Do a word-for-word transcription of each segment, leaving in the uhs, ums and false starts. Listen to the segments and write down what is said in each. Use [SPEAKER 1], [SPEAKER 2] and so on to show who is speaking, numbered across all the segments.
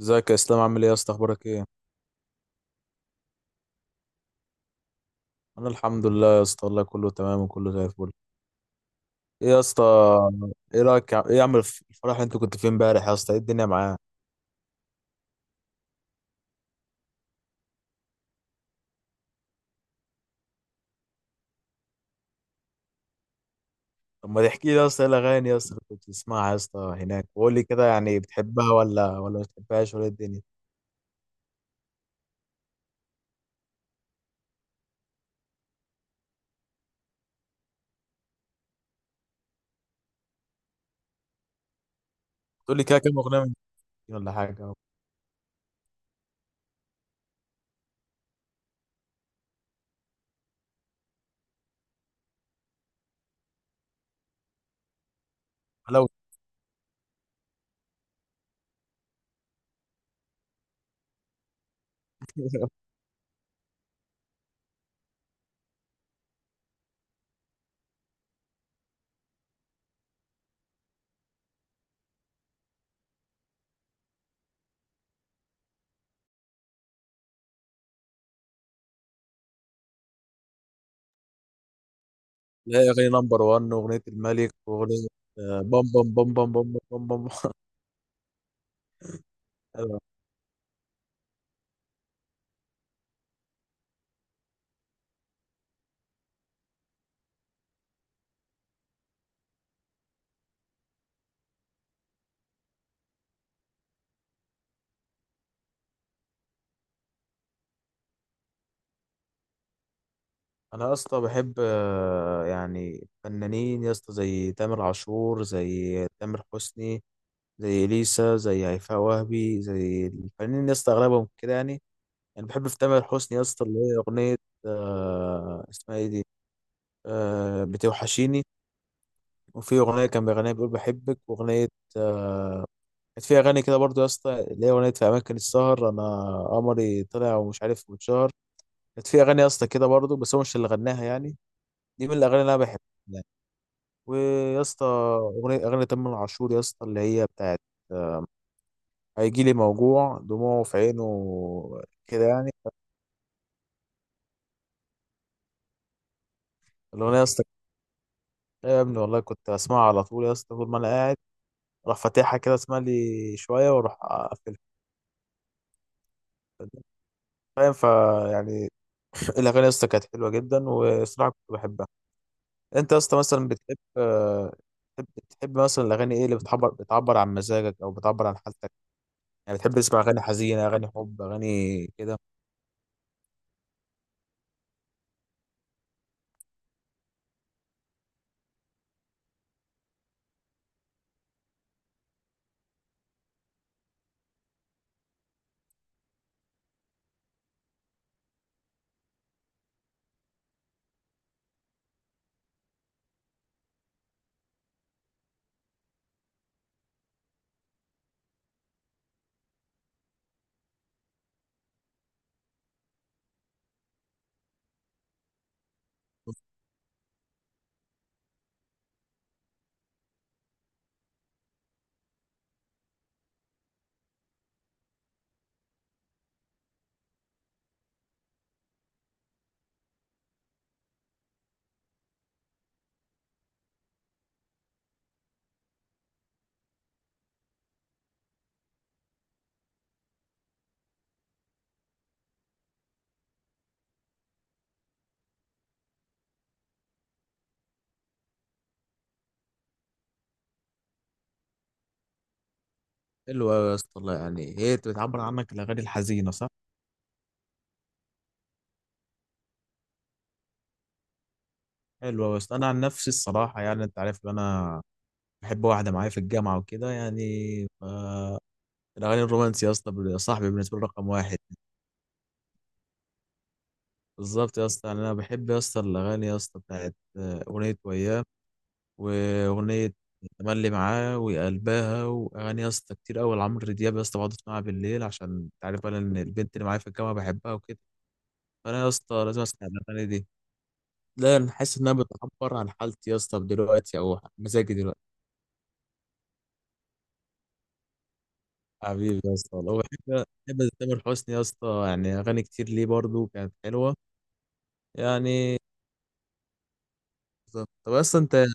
[SPEAKER 1] ازيك يا اسلام؟ عامل ايه يا اسطى؟ اخبارك ايه؟ انا الحمد لله يا اسطى والله، كله تمام وكله زي الفل. ايه يا اسطى؟ ايه رايك يا- ايه عامل الف- الفرح اللي انت كنت فين امبارح يا اسطى؟ ايه الدنيا معاه؟ طب ما تحكي لي يا اسطى ايه الاغاني يا اسطى اللي كنت بتسمعها يا اسطى هناك، وقول لي كده يعني بتحبها ولا ولا ما بتحبهاش ولا ايه الدنيا؟ تقول لي كده كام اغنيه من دي ولا حاجه؟ لو لا، اغاني نمبر واحد واغنيه الملك واغنيه آه، بام بام بام بام بام بام بام بام انا يا اسطى بحب آه، يعني فنانين يا اسطى زي تامر عاشور، زي تامر حسني، زي اليسا، زي هيفاء وهبي، زي الفنانين يا اسطى اغلبهم كده يعني. يعني بحب في تامر حسني يا اسطى اللي هي اغنيه آه، اسمها ايه دي؟ آه، بتوحشيني. وفي اغنيه كان بيغنيها بيقول بحبك، واغنيه آه، كانت في اغاني كده برضو يا اسطى اللي هي اغنيه في اماكن السهر انا قمري طلع ومش عارف واتشهر. كانت في اغاني يا اسطى كده برضو، بس هو مش اللي غناها يعني. دي من الاغاني اللي انا بحبها. ويا اسطى اغنيه اغنيه تامر عاشور يا اسطى اللي هي بتاعت آه، هيجي لي موجوع دموعه في عينه كده يعني. الاغنيه يا اسطى، يا ابني والله كنت اسمعها على طول يا اسطى طول ما انا قاعد، اروح فاتحها كده اسمع لي شويه واروح اقفلها. فاهم فيعني. الاغاني يا اسطى كانت حلوه جدا والصراحه كنت بحبها. انت يا اسطى مثلا بتحب آه، بتحب بتحب مثلا الاغاني ايه اللي بتعبر بتعبر عن مزاجك او بتعبر عن حالتك؟ يعني بتحب تسمع اغاني حزينه، اغاني حب، اغاني كده؟ حلو أوي يا اسطى والله، يعني هي بتعبر عنك الأغاني الحزينة صح؟ حلو أوي يا اسطى. أنا عن نفسي الصراحة يعني أنت عارف إن أنا بحب واحدة معايا في الجامعة وكده يعني، ف... الأغاني الرومانسية يا اسطى بال- صاحبي بالنسبة لي رقم واحد. بالظبط يا اسطى، يعني أنا بحب يا اسطى الأغاني يا اسطى بتاعت آه، أغنية وياه، وأغنية تملي معاه وقلبها، وأغاني يا اسطى كتير أوي لعمرو دياب يا اسطى، بقعد أسمعها بالليل عشان أنت عارف بقى إن البنت اللي معايا في الجامعة بحبها وكده. فأنا يا اسطى لازم أسمع الأغاني دي. لا، انا حاسس انها بتعبر عن حالتي يا اسطى دلوقتي او مزاجي دلوقتي. حبيبي يا اسطى والله، بحب بحب تامر حسني يا اسطى، يعني اغاني كتير ليه برضو كانت حلوه يعني. بالظبط. طب اصلا انت ايه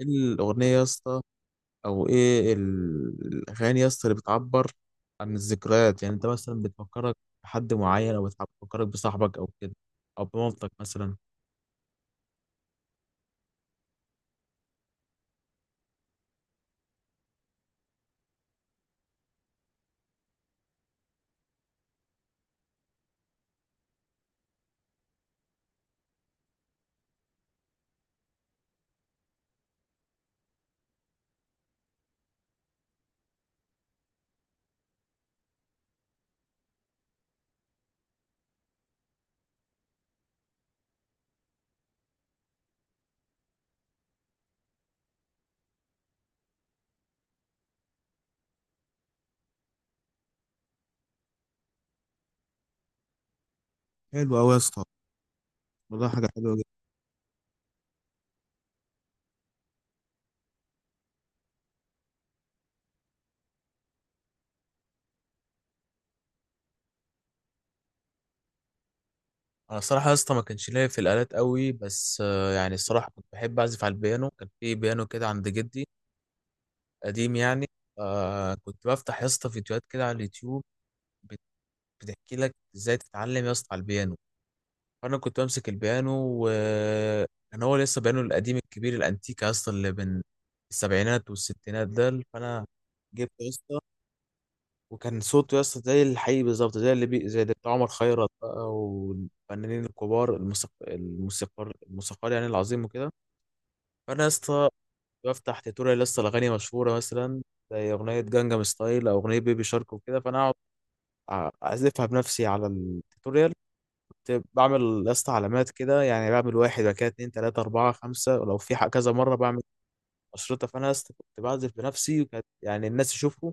[SPEAKER 1] الاغنيه يا اسطى او ايه ال- الاغاني يا اسطى اللي بتعبر عن الذكريات؟ يعني انت مثلا بتفكرك بحد معين، او بتفكرك بصاحبك، او كده، او بمامتك مثلا؟ حلو قوي يا اسطى، والله حاجة حلوة. انا الصراحه يا اسطى ما كانش ليا في الالات قوي بس آه، يعني الصراحه كنت بحب اعزف على البيانو. كان في بيانو كده عند جدي قديم يعني. آه كنت بفتح يا اسطى فيديوهات كده على اليوتيوب بت- بتحكي لك ازاي تتعلم يا اسطى على البيانو. فانا كنت بمسك البيانو وكان هو لسه بيانو القديم الكبير الانتيك يا اسطى اللي بين السبعينات والستينات ده، فانا جبت. وكان صوته يا اسطى زي الحقيقي بالظبط، زي اللي بي... زي اللي بتاع عمر خيرت بقى والفنانين الكبار الموسيق... الموسيقار الموسيقار يعني العظيم وكده. فانا يا اسطى بفتح تيتوريال يا اسطى الاغاني مشهوره مثلا، زي اغنيه جانجام ستايل او اغنيه بيبي شارك وكده. فانا اقعد أع- اعزفها بنفسي على التيتوريال. كنت بعمل يا اسطى علامات كده، يعني بعمل واحد بعد كده اتنين تلاته اربعه خمسه، ولو في ح- كذا مره بعمل اشرطه. فانا يا اسطى كنت بعزف بنفسي وكانت يعني الناس يشوفوا،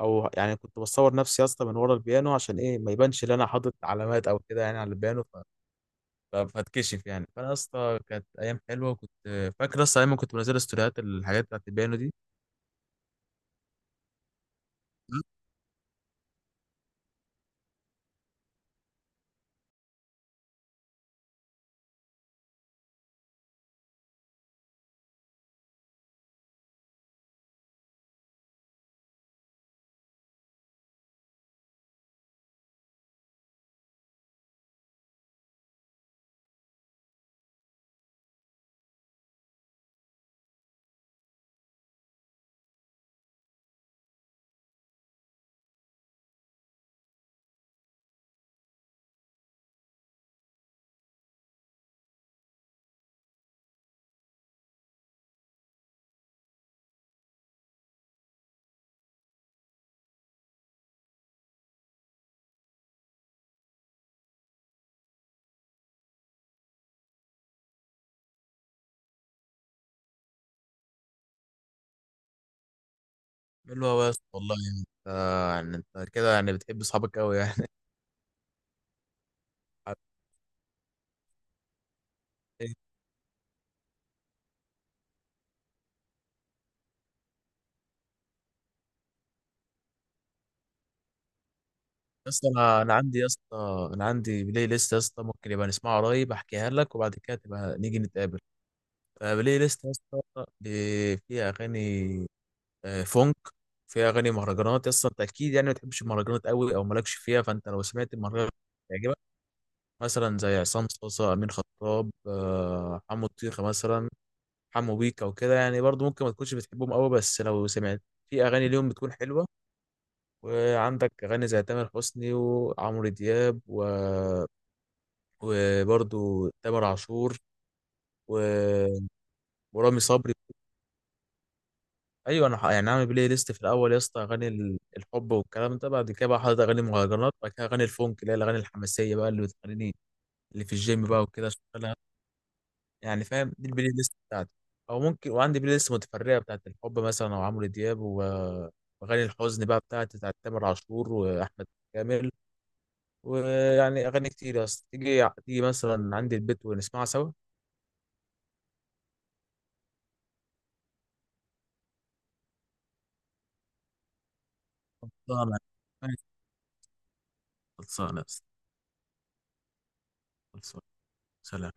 [SPEAKER 1] او يعني كنت بصور نفسي يا اسطى من ورا البيانو عشان ايه ما يبانش ان انا حاطط علامات او كده يعني على البيانو ف... ف- فاتكشف يعني. فانا يا اسطى كانت ايام حلوه، وكنت فاكر اصلا ايام ما كنت بنزل ستوريات الحاجات بتاعت البيانو دي. بقول له يا اسطى والله يعني انت، يعني انت كده يعني بتحب اصحابك قوي يعني. يا اسطى، انا انا عندي يا اسطى انا عندي بلاي ليست يا اسطى ممكن يبقى نسمعها قريب، احكيها لك وبعد كده تبقى نيجي نتقابل. فبلاي ليست يا اسطى ب- فيها اغاني آه، فونك، فيها اغاني مهرجانات. اصلا انت اكيد يعني ما بتحبش المهرجانات قوي او مالكش فيها، فانت لو سمعت المهرجان هيعجبك. مثلا زي عصام صاصا، امين خطاب، آه، حمو الطيخه مثلا، حمو بيكا، وكده يعني. برضو ممكن ما تكونش بتحبهم قوي بس لو سمعت في اغاني ليهم بتكون حلوه. وعندك اغاني زي تامر حسني وعمرو دياب و... وبرضو تامر عاشور و... ورامي صبري. ايوه انا ح- يعني عامل بلاي ليست، في الاول يا اسطى اغاني ال- الحب والكلام ده، بعد كده بقى حاطط اغاني مهرجانات، بعد كده اغاني الفونك اللي هي الاغاني الحماسيه بقى اللي بتخليني، اللي في الجيم بقى وكده اشتغلها. يعني فاهم دي البلاي ليست بتاعتي. او ممكن وعندي بلاي ليست متفرعه بتاعت الحب مثلا او عمرو دياب و- واغاني الحزن بقى بتاعت بتاعت تامر عاشور واحمد كامل. ويعني اغاني كتير يا اسطى تيجي تيجي مثلا عندي البيت ونسمعها سوا. خلصانه، ماشي، خلصانه يا اسطى، خلصانه، سلام.